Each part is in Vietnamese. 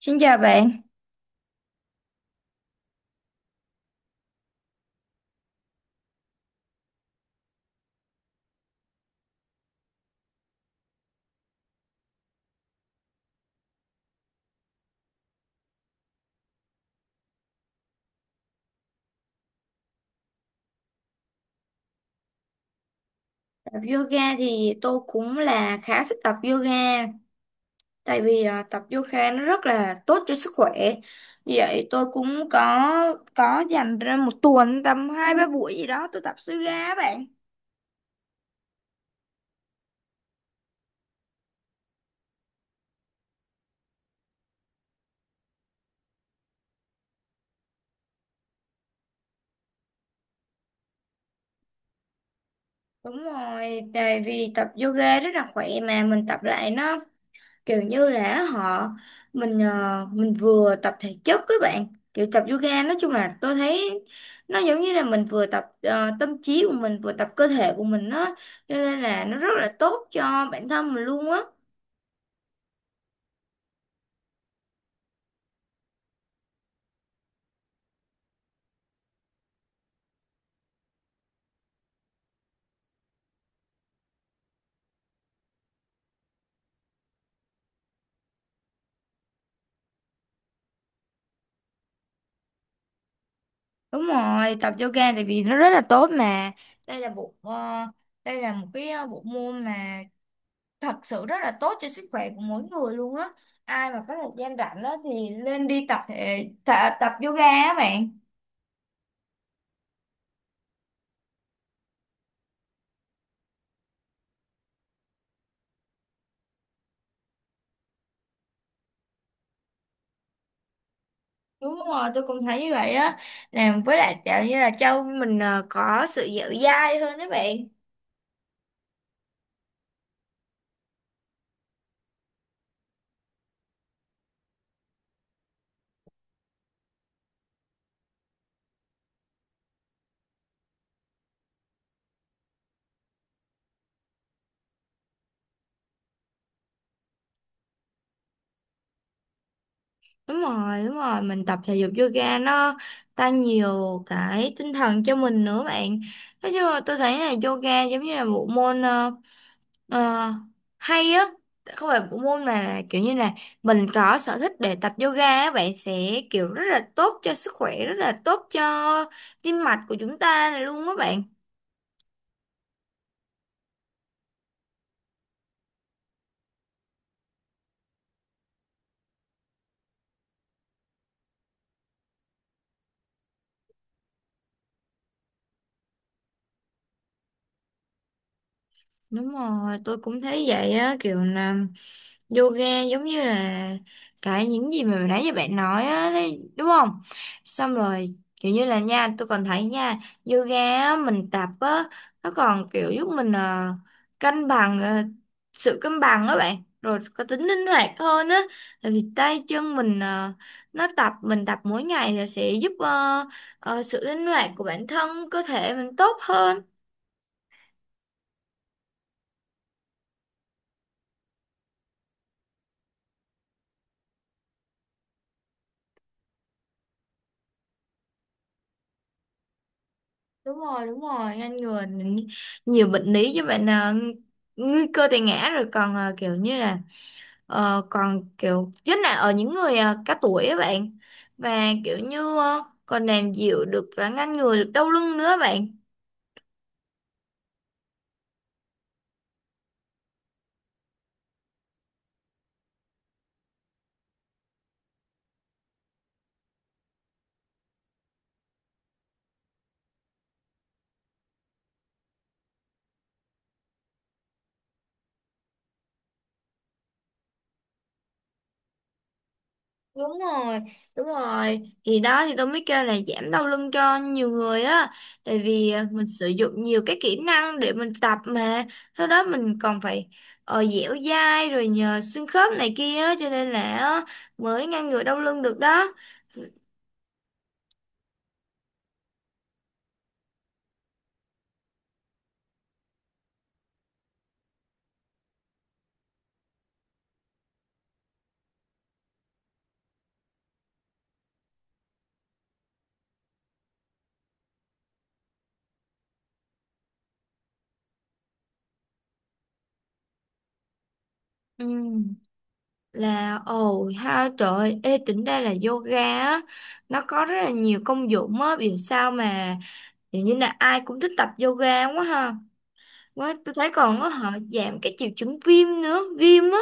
Xin chào bạn, tập yoga thì tôi cũng là khá thích tập yoga tại vì tập yoga nó rất là tốt cho sức khỏe. Vì vậy tôi cũng có dành ra một tuần tầm hai ba buổi gì đó tôi tập yoga á bạn. Đúng rồi, tại vì tập yoga rất là khỏe mà mình tập lại nó kiểu như là họ mình mình vừa tập thể chất các bạn, kiểu tập yoga nói chung là tôi thấy nó giống như là mình vừa tập tâm trí của mình, vừa tập cơ thể của mình á, cho nên là nó rất là tốt cho bản thân mình luôn á. Đúng rồi, tập yoga tại vì nó rất là tốt mà. Đây là bộ đây là một cái bộ môn mà thật sự rất là tốt cho sức khỏe của mỗi người luôn á. Ai mà có thời gian rảnh á thì nên đi tập yoga á bạn. Đúng rồi, tôi cũng thấy như vậy á. Làm với lại kiểu như là cho mình có sự dẻo dai hơn đấy bạn. Đúng rồi, mình tập thể dục yoga nó tăng nhiều cái tinh thần cho mình nữa bạn. Nói chung là tôi thấy là yoga giống như là bộ môn ờ, hay á. Không phải bộ môn mà là kiểu như là mình có sở thích để tập yoga á, bạn sẽ kiểu rất là tốt cho sức khỏe, rất là tốt cho tim mạch của chúng ta này luôn á bạn. Đúng rồi, tôi cũng thấy vậy á, kiểu là yoga giống như là cái những gì mà nãy giờ bạn nói á, thấy- đúng không? Xong rồi, kiểu như là nha, tôi còn thấy nha, yoga á, mình tập á, nó còn kiểu giúp mình cân bằng, sự cân bằng á bạn, rồi có tính linh hoạt hơn á, tại vì tay chân mình nó tập, mình tập mỗi ngày là sẽ giúp sự linh hoạt của bản thân, cơ thể mình tốt hơn. Đúng rồi, ngăn ngừa nhiều bệnh lý chứ bạn, nguy cơ tai ngã, rồi còn kiểu như là còn kiểu nhất là ở những người cao tuổi á bạn, và kiểu như còn làm dịu được và ngăn ngừa được đau lưng nữa bạn. Đúng rồi đúng rồi thì đó thì tôi mới kêu là giảm đau lưng cho nhiều người á, tại vì mình sử dụng nhiều cái kỹ năng để mình tập mà, sau đó mình còn phải dẻo dai rồi nhờ xương khớp này kia á, cho nên là á, mới ngăn ngừa đau lưng được đó. Ừ, là ồ ha trời ơi, ê tính ra là yoga á, nó có rất là nhiều công dụng á, vì sao mà hình như là ai cũng thích tập yoga quá ha. Quá, tôi thấy còn có họ giảm cái triệu chứng viêm nữa, viêm á,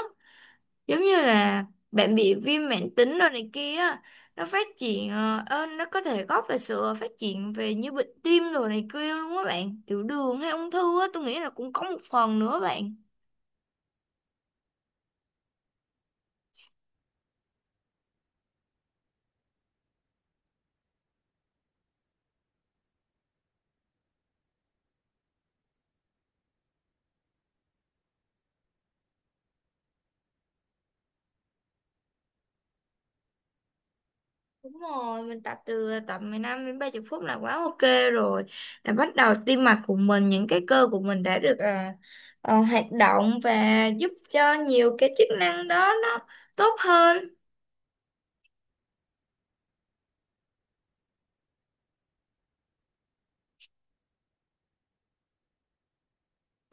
giống như là bạn bị viêm mãn tính rồi này kia á, nó phát triển nó có thể góp về sự phát triển về như bệnh tim rồi này kia luôn á bạn, tiểu đường hay ung thư á, tôi nghĩ là cũng có một phần nữa bạn. Đúng rồi, mình tập từ tập mười 15 đến 30 phút là quá ok rồi. Là bắt đầu tim mạch của mình, những cái cơ của mình đã được hoạt động và giúp cho nhiều cái chức năng đó nó tốt hơn.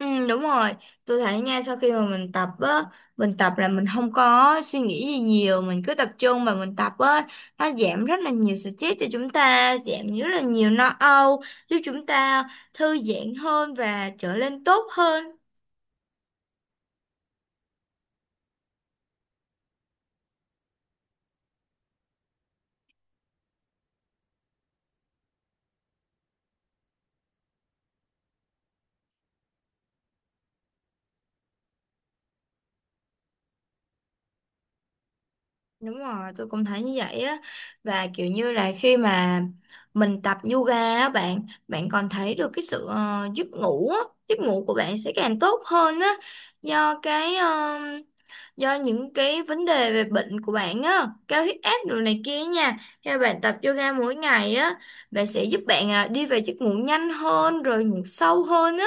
Ừ, đúng rồi, tôi thấy nha, sau khi mà mình tập á, mình tập là mình không có suy nghĩ gì nhiều, mình cứ tập trung và mình tập á, nó giảm rất là nhiều stress cho chúng ta, giảm rất là nhiều lo âu, giúp chúng ta thư giãn hơn và trở nên tốt hơn. Đúng rồi, tôi cũng thấy như vậy á, và kiểu như là khi mà mình tập yoga á bạn bạn còn thấy được cái sự giấc ngủ á, giấc ngủ của bạn sẽ càng tốt hơn á, do cái do những cái vấn đề về bệnh của bạn á, cao huyết áp rồi này kia nha, theo bạn tập yoga mỗi ngày á, bạn sẽ giúp bạn đi về giấc ngủ nhanh hơn rồi ngủ sâu hơn á.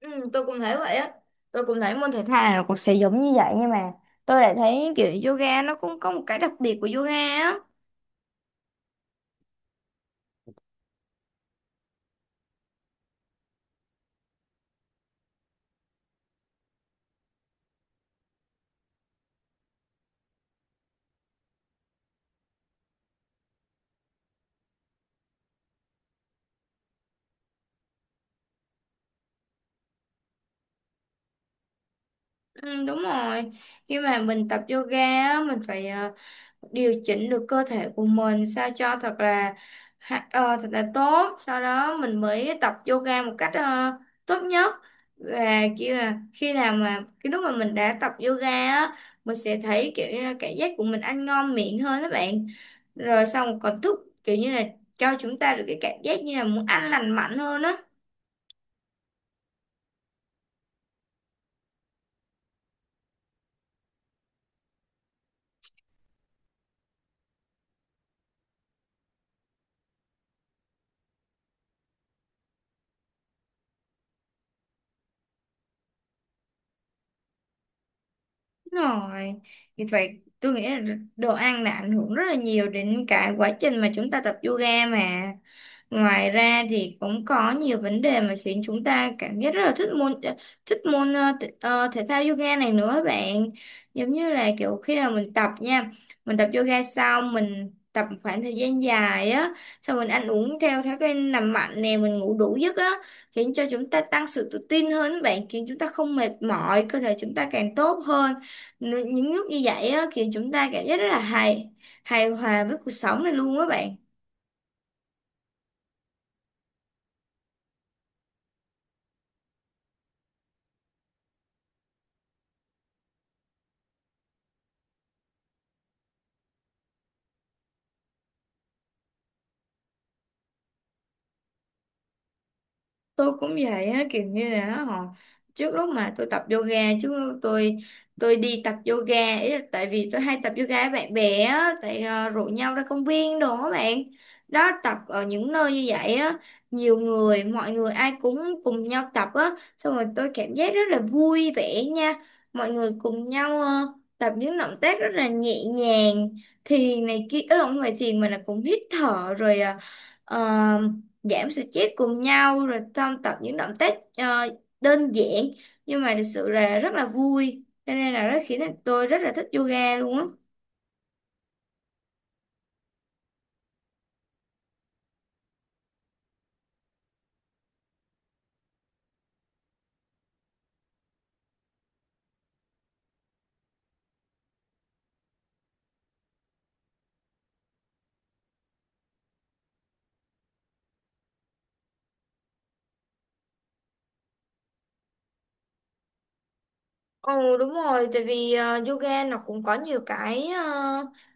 Ừ, tôi cũng thấy vậy á, tôi cũng thấy môn thể thao nào cũng sẽ giống như vậy, nhưng mà tôi lại thấy kiểu yoga nó cũng có một cái đặc biệt của yoga á. Ừ, đúng rồi, khi mà mình tập yoga á mình phải điều chỉnh được cơ thể của mình sao cho thật là thật là tốt, sau đó mình mới tập yoga một cách tốt nhất. Và kiểu là khi nào mà cái lúc mà mình đã tập yoga á, mình sẽ thấy kiểu như là cảm giác của mình ăn ngon miệng hơn đó bạn, rồi xong còn thức kiểu như là cho chúng ta được cái cảm giác như là muốn ăn lành mạnh hơn á. Đúng rồi, vì vậy tôi nghĩ là đồ ăn là ảnh hưởng rất là nhiều đến cả quá trình mà chúng ta tập yoga mà. Ngoài ra thì cũng có nhiều vấn đề mà khiến chúng ta cảm giác rất là thích môn thể thao yoga này nữa bạn. Giống như là kiểu khi mà mình tập nha, mình tập yoga xong, mình tập một khoảng thời gian dài á, xong mình ăn uống theo thói quen nằm mạnh nè, mình ngủ đủ giấc á, khiến cho chúng ta tăng sự tự tin hơn á bạn, khiến chúng ta không mệt mỏi, cơ thể chúng ta càng tốt hơn. Những lúc như vậy á khiến chúng ta cảm giác rất là hài hài hòa với cuộc sống này luôn á bạn. Tôi cũng vậy á, kiểu như là họ trước lúc mà tôi tập yoga chứ tôi đi tập yoga ý là tại vì tôi hay tập yoga với bạn bè á, tại rủ nhau ra công viên đồ á bạn, đó tập ở những nơi như vậy á, nhiều người mọi người ai cũng cùng nhau tập á, xong rồi tôi cảm giác rất là vui vẻ nha, mọi người cùng nhau tập những động tác rất là nhẹ nhàng, thiền này kia ở không phải thiền mà là cũng hít thở rồi à, giảm stress cùng nhau, rồi xong tập những động tác đơn giản, nhưng mà thực sự là rất là vui, cho nên là nó khiến tôi rất là thích yoga luôn á. Ồ đúng rồi, tại vì yoga nó cũng có nhiều cái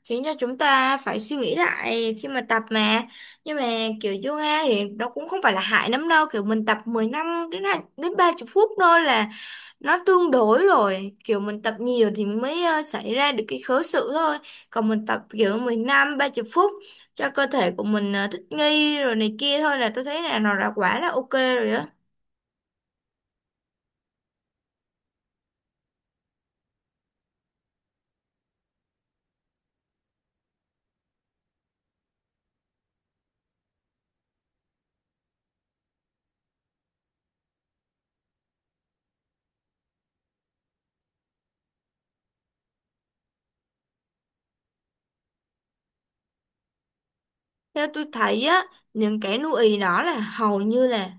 khiến cho chúng ta phải suy nghĩ lại khi mà tập mà. Nhưng mà kiểu yoga thì nó cũng không phải là hại lắm đâu, kiểu mình tập 10 năm đến hai- đến 30 phút thôi là nó tương đối rồi, kiểu mình tập nhiều thì mới xảy ra được cái khớ sự thôi, còn mình tập kiểu mười lăm ba 30 phút cho cơ thể của mình thích nghi rồi này kia thôi là tôi thấy là nó đã quá là ok rồi đó. Theo tôi thấy á, những cái nuôi ì đó là hầu như là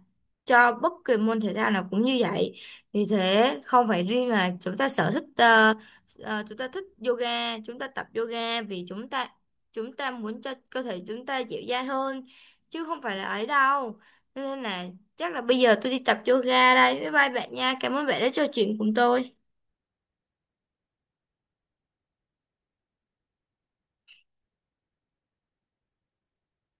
cho bất kỳ môn thể thao nào cũng như vậy. Vì thế không phải riêng là chúng ta sở thích chúng ta thích yoga, chúng ta tập yoga vì chúng ta muốn cho cơ thể chúng ta dẻo dai hơn chứ không phải là ấy đâu. Nên là chắc là bây giờ tôi đi tập yoga đây. Bye bye bạn nha. Cảm ơn bạn đã trò chuyện cùng tôi.